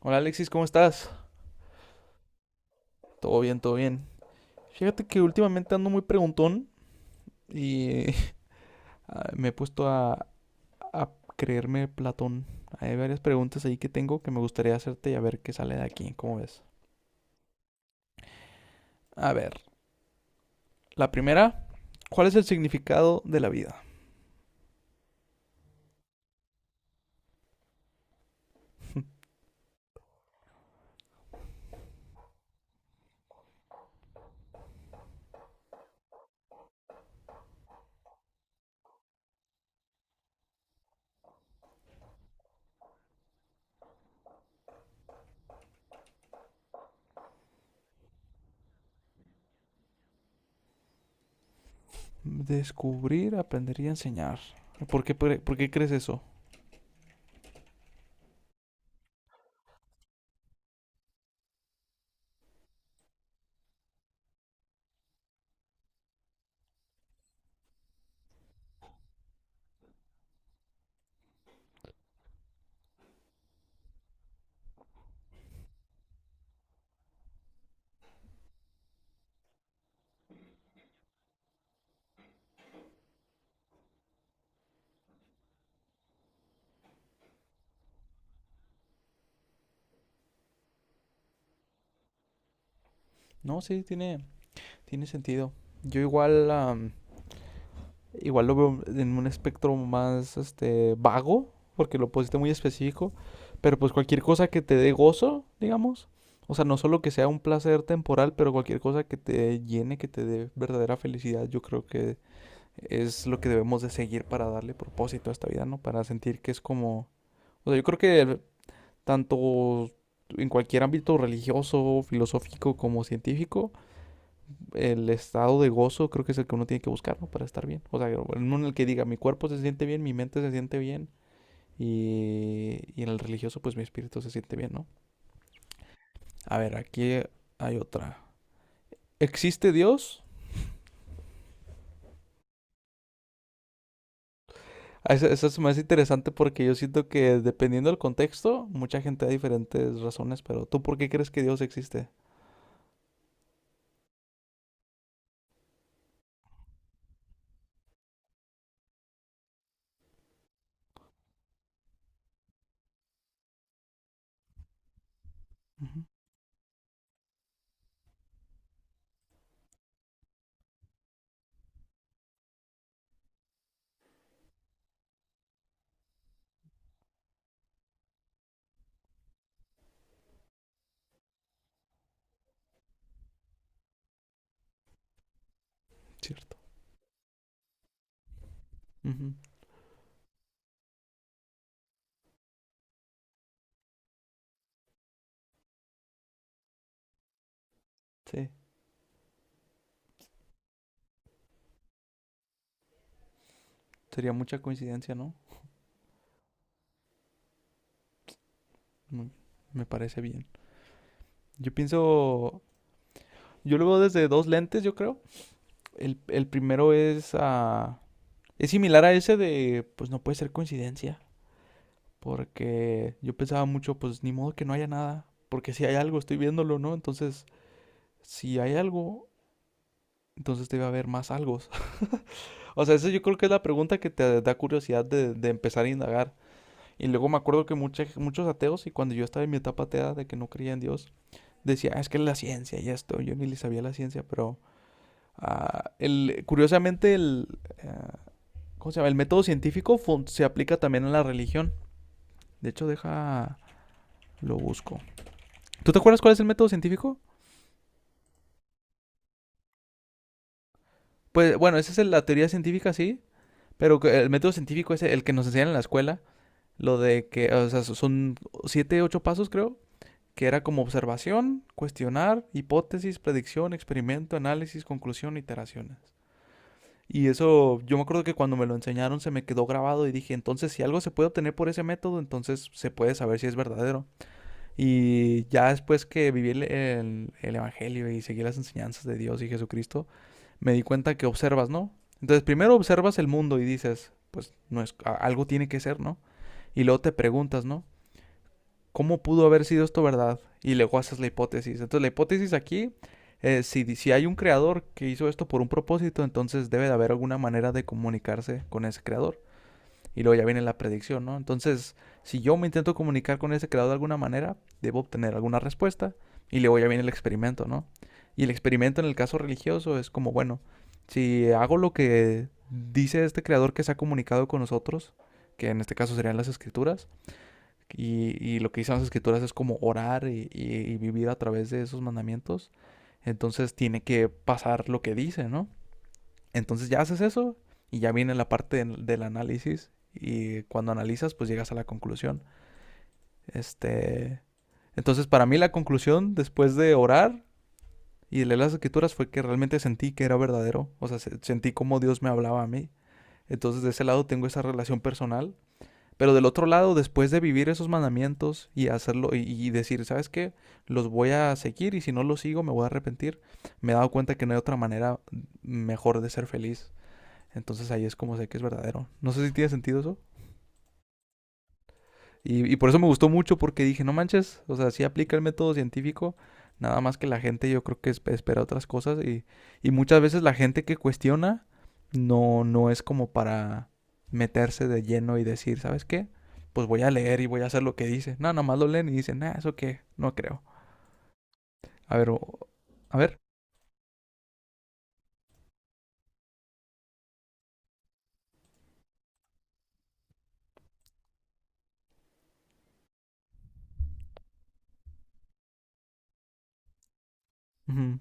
Hola Alexis, ¿cómo estás? Todo bien, todo bien. Fíjate que últimamente ando muy preguntón y me he puesto a, a creerme Platón. Hay varias preguntas ahí que tengo que me gustaría hacerte y a ver qué sale de aquí, ¿cómo ves? A ver, la primera, ¿cuál es el significado de la vida? Descubrir, aprender y enseñar. ¿Por qué, por qué crees eso? No, sí, tiene, tiene sentido. Yo igual, igual lo veo en un espectro más este vago, porque lo pusiste muy específico, pero pues cualquier cosa que te dé gozo, digamos, o sea, no solo que sea un placer temporal, pero cualquier cosa que te llene, que te dé verdadera felicidad, yo creo que es lo que debemos de seguir para darle propósito a esta vida, ¿no? Para sentir que es como, o sea, yo creo que tanto en cualquier ámbito religioso, filosófico como científico, el estado de gozo creo que es el que uno tiene que buscar, ¿no? Para estar bien. O sea, uno en el que diga, mi cuerpo se siente bien, mi mente se siente bien. Y en el religioso, pues mi espíritu se siente bien, ¿no? A ver, aquí hay otra. ¿Existe Dios? Eso es más interesante porque yo siento que dependiendo del contexto, mucha gente da diferentes razones, pero ¿tú por qué crees que Dios existe? Ujú. Cierto. Ujú. Sí. Sería mucha coincidencia, ¿no? Mm. Me parece bien. Yo pienso, yo lo veo desde dos lentes, yo creo. El primero es, es similar a ese de, pues no puede ser coincidencia, porque yo pensaba mucho, pues ni modo que no haya nada, porque si hay algo, estoy viéndolo, ¿no? Entonces, si hay algo, entonces debe haber más algo. O sea, esa yo creo que es la pregunta que te da curiosidad de empezar a indagar. Y luego me acuerdo que muchos ateos, y cuando yo estaba en mi etapa atea de que no creía en Dios, decía, "Ah, es que es la ciencia y esto, yo ni le sabía la ciencia, pero el, curiosamente ah, ¿cómo se llama? El método científico se aplica también a la religión. De hecho, deja. Lo busco. ¿Tú te acuerdas cuál es el método científico? Pues bueno, esa es la teoría científica, sí. Pero el método científico es el que nos enseñan en la escuela. Lo de que, o sea, son siete, ocho pasos, creo. Que era como observación, cuestionar, hipótesis, predicción, experimento, análisis, conclusión, iteraciones. Y eso, yo me acuerdo que cuando me lo enseñaron se me quedó grabado y dije, entonces si algo se puede obtener por ese método, entonces se puede saber si es verdadero. Y ya después que viví el Evangelio y seguí las enseñanzas de Dios y Jesucristo, me di cuenta que observas, ¿no? Entonces primero observas el mundo y dices, pues no es, algo tiene que ser, ¿no? Y luego te preguntas, ¿no? ¿Cómo pudo haber sido esto verdad? Y luego haces la hipótesis. Entonces la hipótesis aquí, si, si hay un creador que hizo esto por un propósito, entonces debe de haber alguna manera de comunicarse con ese creador. Y luego ya viene la predicción, ¿no? Entonces, si yo me intento comunicar con ese creador de alguna manera, debo obtener alguna respuesta. Y luego ya viene el experimento, ¿no? Y el experimento en el caso religioso es como, bueno, si hago lo que dice este creador que se ha comunicado con nosotros, que en este caso serían las escrituras, y lo que dicen las escrituras es como orar y vivir a través de esos mandamientos, entonces tiene que pasar lo que dice, ¿no? Entonces ya haces eso y ya viene la parte del análisis y cuando analizas pues llegas a la conclusión. Este, entonces para mí la conclusión después de orar y leer las escrituras fue que realmente sentí que era verdadero, o sea, sentí como Dios me hablaba a mí. Entonces de ese lado tengo esa relación personal, pero del otro lado después de vivir esos mandamientos y hacerlo y decir, ¿sabes qué? Los voy a seguir y si no los sigo me voy a arrepentir. Me he dado cuenta que no hay otra manera mejor de ser feliz entonces ahí es como sé que es verdadero. No sé si tiene sentido eso. Y por eso me gustó mucho porque dije, no manches, o sea, sí aplica el método científico, nada más que la gente yo creo que espera otras cosas y muchas veces la gente que cuestiona no, no es como para meterse de lleno y decir, ¿sabes qué? Pues voy a leer y voy a hacer lo que dice. No, nomás lo leen y dicen, nah, eso qué, no creo. A ver, a ver. Ujú.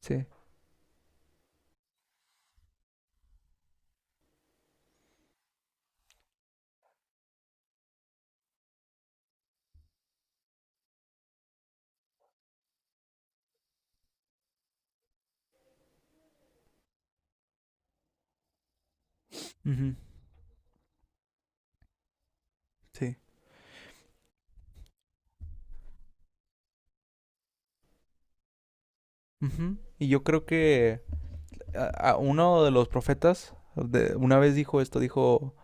Sí. Ujú. Sí. Ujú. Y yo creo que a uno de los profetas una vez dijo esto, dijo,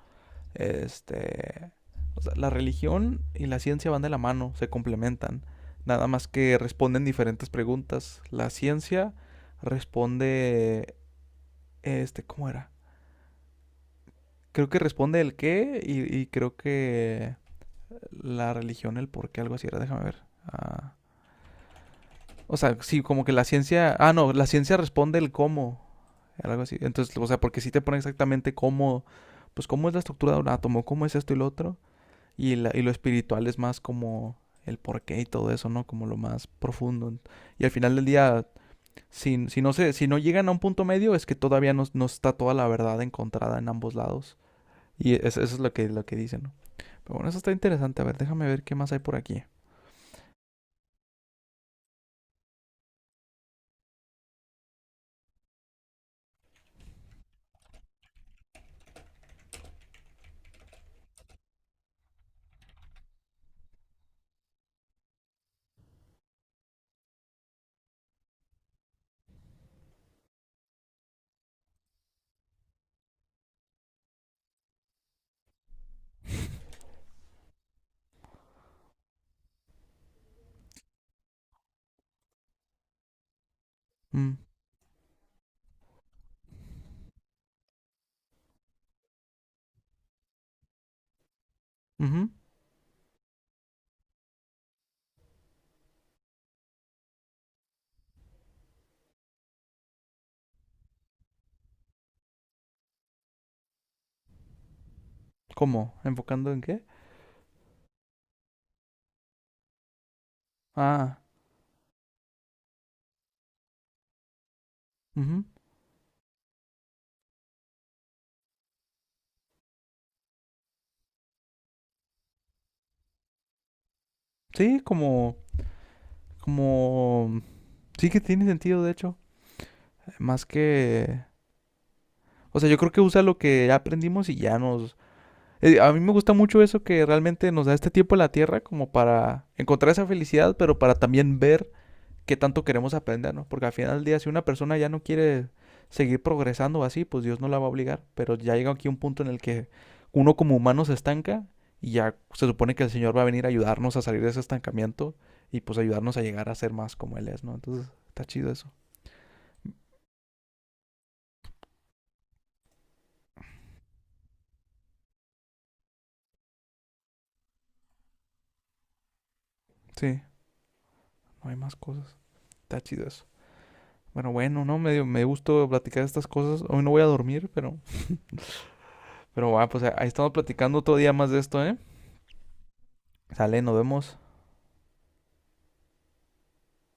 este, o sea, la religión y la ciencia van de la mano, se complementan, nada más que responden diferentes preguntas. La ciencia responde, este, ¿cómo era? Creo que responde el qué y creo que la religión el por qué, algo así era, déjame ver. Ah, o sea, sí, como que la ciencia, ah, no, la ciencia responde el cómo. Algo así. Entonces, o sea, porque si te pone exactamente cómo, pues cómo es la estructura de un átomo, cómo es esto y lo otro. Y, y lo espiritual es más como el porqué y todo eso, ¿no? Como lo más profundo. Y al final del día, si, si no llegan a un punto medio, es que todavía no, no está toda la verdad encontrada en ambos lados. Y eso es lo que dicen, ¿no? Pero bueno, eso está interesante. A ver, déjame ver qué más hay por aquí. Mm. Ujú. ¿Cómo? ¿Enfocando en qué? Ah. Ujú. Sí, como, como... Sí que tiene sentido, de hecho. Más que... O sea, yo creo que usa lo que ya aprendimos y ya nos... a mí me gusta mucho eso que realmente nos da este tiempo en la Tierra como para encontrar esa felicidad, pero para también ver qué tanto queremos aprender, ¿no? Porque al final del día, si una persona ya no quiere seguir progresando así, pues Dios no la va a obligar. Pero ya llega aquí un punto en el que uno como humano se estanca y ya se supone que el Señor va a venir a ayudarnos a salir de ese estancamiento y pues ayudarnos a llegar a ser más como Él es, ¿no? Entonces, está chido eso. Sí, no hay más cosas. Está chido eso. Bueno, bueno, no, me dio gusto platicar estas cosas. Hoy no voy a dormir, pero va, pues ahí estamos platicando otro día más de esto, ¿eh? Sale, nos vemos.